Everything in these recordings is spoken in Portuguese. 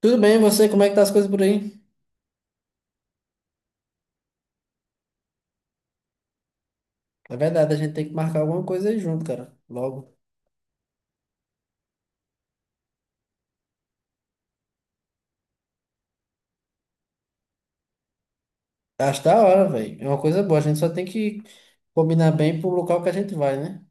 Tudo bem, e você? Como é que tá as coisas por aí? É verdade, a gente tem que marcar alguma coisa aí junto, cara. Logo. Tá, acho da hora, velho. É uma coisa boa. A gente só tem que combinar bem pro local que a gente vai, né?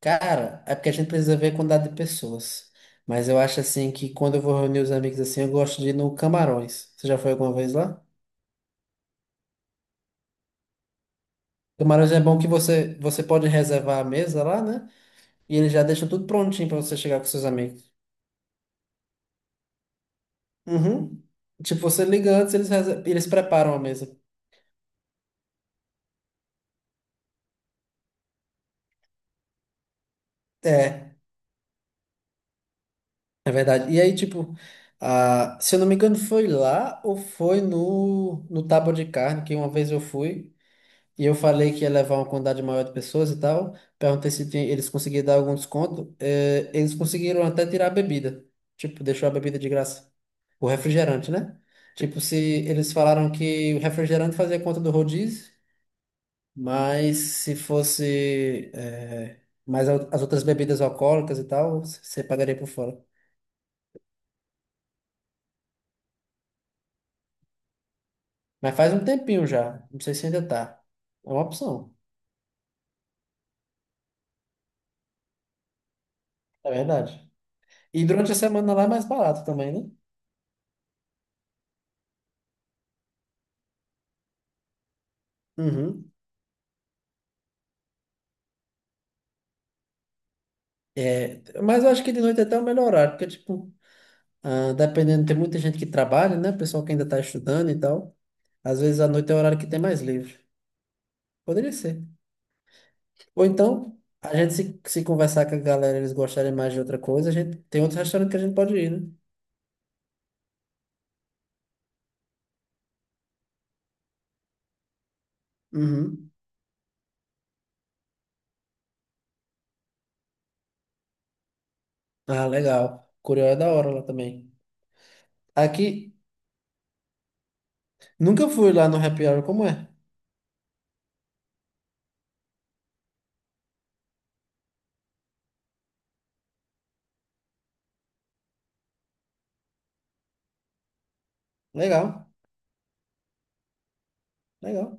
Cara, é porque a gente precisa ver a quantidade de pessoas. Mas eu acho assim que quando eu vou reunir os amigos assim, eu gosto de ir no Camarões. Você já foi alguma vez lá? Camarões é bom que você pode reservar a mesa lá, né? E eles já deixam tudo prontinho pra você chegar com seus amigos. Uhum. Tipo, você liga antes, eles preparam a mesa. É. É verdade. E aí, tipo, se eu não me engano, foi lá ou foi no Tábua de Carne, que uma vez eu fui e eu falei que ia levar uma quantidade maior de pessoas e tal. Perguntei se eles conseguiam dar algum desconto. Eles conseguiram até tirar a bebida. Tipo, deixou a bebida de graça. O refrigerante, né? Tipo, se eles falaram que o refrigerante fazia conta do rodízio, mas se fosse, mais as outras bebidas alcoólicas e tal, você pagaria por fora. Mas faz um tempinho já. Não sei se ainda tá. É uma opção, é verdade. E durante a semana lá é mais barato também, né? Uhum. É, mas eu acho que de noite é até é o melhor horário, porque, tipo, dependendo, tem muita gente que trabalha, né? Pessoal que ainda tá estudando e tal. Às vezes à noite é o horário que tem mais livre. Poderia ser. Ou então, a gente se conversar com a galera, eles gostarem mais de outra coisa, a gente tem outros restaurantes que a gente pode ir, né? Uhum. Ah, legal. Curió é da hora lá também. Aqui, nunca fui lá no happy hour, como é? Legal. Legal.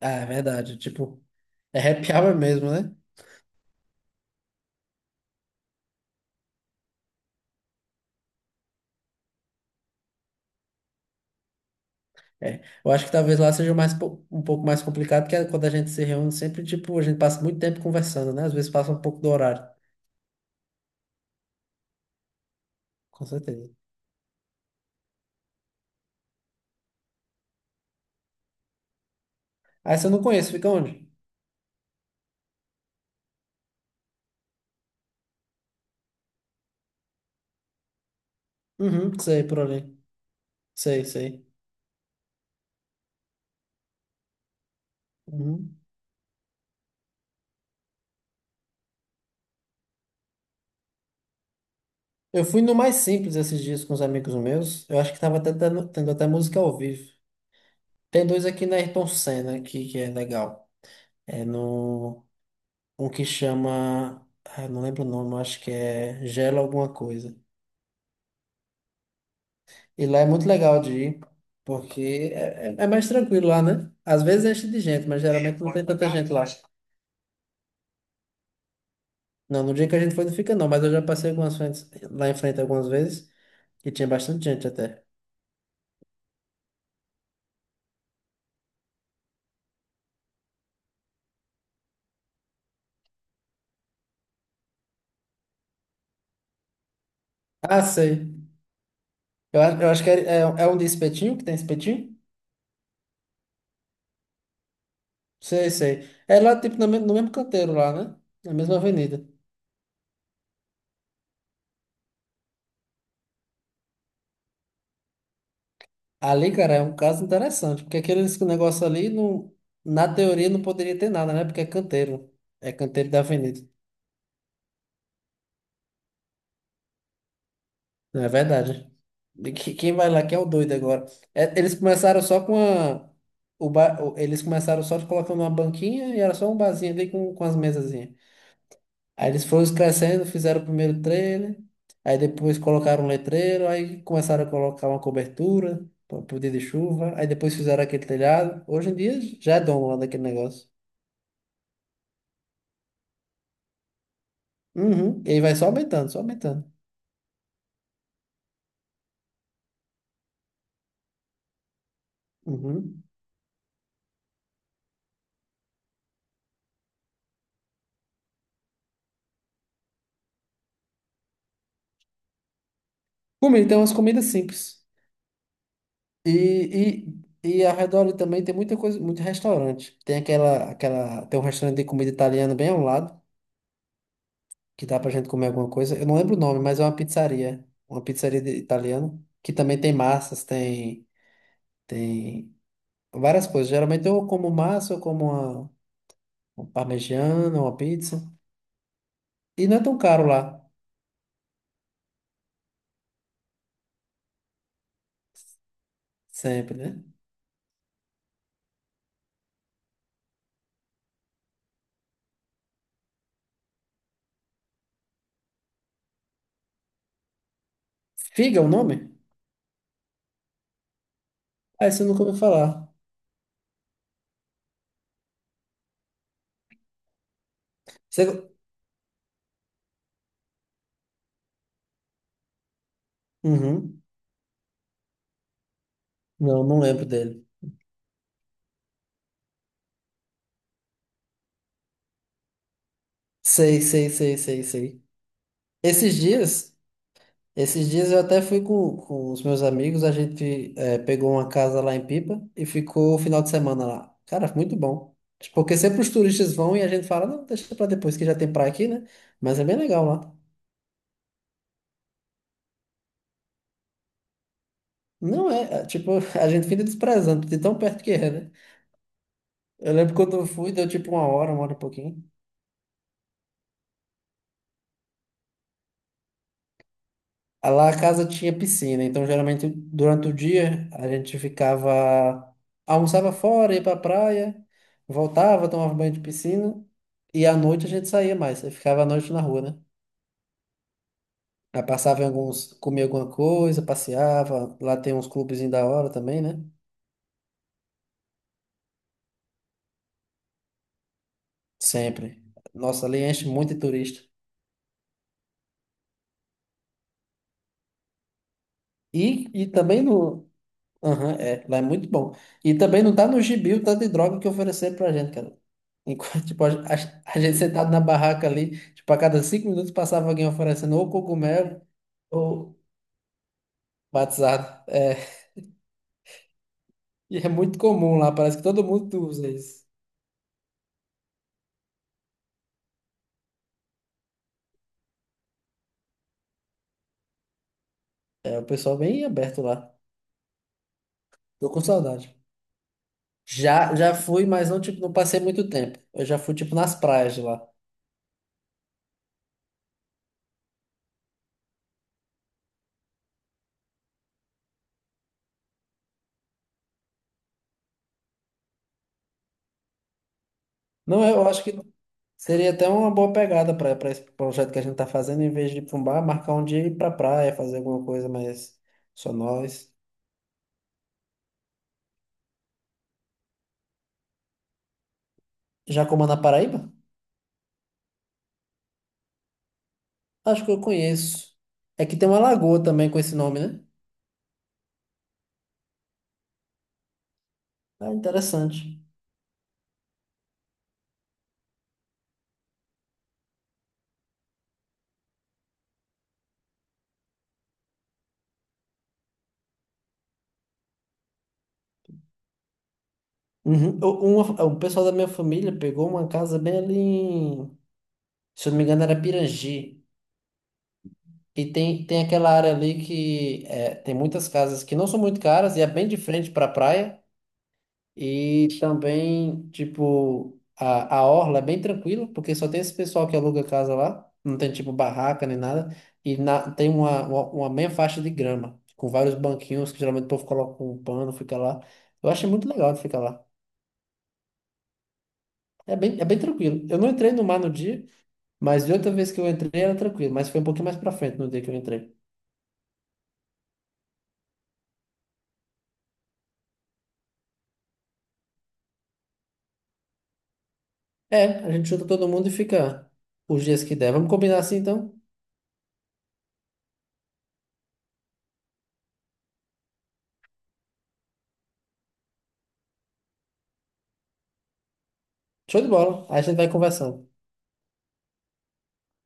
Ah, é verdade. Tipo, é happy hour mesmo, né? É. Eu acho que talvez lá seja mais, um pouco mais complicado, que é quando a gente se reúne sempre, tipo, a gente passa muito tempo conversando, né? Às vezes passa um pouco do horário. Com certeza. Ah, você não conhece, fica onde? Uhum, sei, por ali. Sei, sei. Uhum. Eu fui no mais simples esses dias com os amigos meus. Eu acho que tava até tendo até música ao vivo. Tem dois aqui na Ayrton Senna aqui, que é legal. É no. Um que chama, não lembro o nome, acho que é Gelo alguma coisa. E lá é muito legal de ir, porque é mais tranquilo lá, né? Às vezes enche de gente, mas é, geralmente não tem tanta gente lá. Não, no dia que a gente foi não fica não, mas eu já passei algumas frentes, lá em frente algumas vezes e tinha bastante gente até. Ah, sei. Eu acho que é um de espetinho, que tem espetinho? Sei, sei. É lá, tipo, no mesmo canteiro lá, né? Na mesma avenida. Ali, cara, é um caso interessante, porque aquele negócio ali, não, na teoria, não poderia ter nada, né? Porque é canteiro. É canteiro da avenida. Não é verdade. Quem vai lá que é o doido agora. É, eles começaram só com a... Eles começaram só colocando uma banquinha e era só um barzinho ali com as mesazinhas. Aí eles foram crescendo, fizeram o primeiro trailer, aí depois colocaram um letreiro, aí começaram a colocar uma cobertura para poder de chuva, aí depois fizeram aquele telhado. Hoje em dia já é dono lá daquele negócio. Uhum. E aí vai só aumentando, só aumentando. Uhum. Comida, tem umas comidas simples. E, e ao redor ali também tem muita coisa, muito restaurante. Tem um restaurante de comida italiana bem ao lado, que dá pra gente comer alguma coisa. Eu não lembro o nome, mas é uma pizzaria. Uma pizzaria italiana, que também tem massas, Tem várias coisas. Geralmente eu como massa, eu como uma parmegiana, uma pizza. E não é tão caro lá, sempre, né? Figa é o nome? Ah, esse eu nunca ouvi falar. Você... Uhum. Não, não lembro dele. Sei, sei, sei, sei, sei. Esses dias, esses dias eu até fui com os meus amigos, a gente pegou uma casa lá em Pipa e ficou o final de semana lá. Cara, muito bom. Porque sempre os turistas vão e a gente fala, não, deixa pra depois que já tem praia aqui, né? Mas é bem legal lá. Não é, tipo, a gente fica desprezando de tão perto que é, né? Eu lembro quando eu fui, deu tipo uma hora e pouquinho. Ah, lá a casa tinha piscina, então geralmente durante o dia a gente ficava, almoçava fora, ia pra praia, voltava, tomava banho de piscina e à noite a gente saía mais, aí ficava à noite na rua, né? Aí passava em alguns, comia alguma coisa, passeava, lá tem uns clubezinhos da hora também, né? Sempre. Nossa, ali enche muito de turista. E também no, aham, é, lá é muito bom. E também não tá no gibi o tanto de droga que ofereceram pra gente, cara. Enquanto, tipo, a gente sentado na barraca ali, tipo, a cada 5 minutos passava alguém oferecendo ou cogumelo ou batizado. É, e é muito comum lá, parece que todo mundo usa isso. É, o pessoal bem aberto lá. Tô com saudade. Já fui, mas não, tipo, não passei muito tempo. Eu já fui, tipo, nas praias de lá. Não, é, eu acho que seria até uma boa pegada para esse projeto que a gente está fazendo, em vez de ir pra um bar, marcar um dia e ir pra praia, fazer alguma coisa mais só nós. Jacoma na Paraíba? Acho que eu conheço. É que tem uma lagoa também com esse nome, né? Ah, interessante. Uhum. O pessoal da minha família pegou uma casa bem ali em, se eu não me engano, era Pirangi. E tem aquela área ali que é, tem muitas casas que não são muito caras e é bem de frente para a praia. E também, tipo, a orla é bem tranquila, porque só tem esse pessoal que aluga casa lá, não tem, tipo, barraca nem nada, e tem uma meia faixa de grama, com vários banquinhos que geralmente o povo coloca um pano, fica lá. Eu achei muito legal de ficar lá. É bem tranquilo. Eu não entrei no mar no dia, mas de outra vez que eu entrei era tranquilo, mas foi um pouquinho mais pra frente no dia que eu entrei. É, a gente junta todo mundo e fica os dias que der. Vamos combinar assim, então? Show de bola. Aí a gente vai conversando.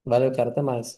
Valeu, cara, até mais.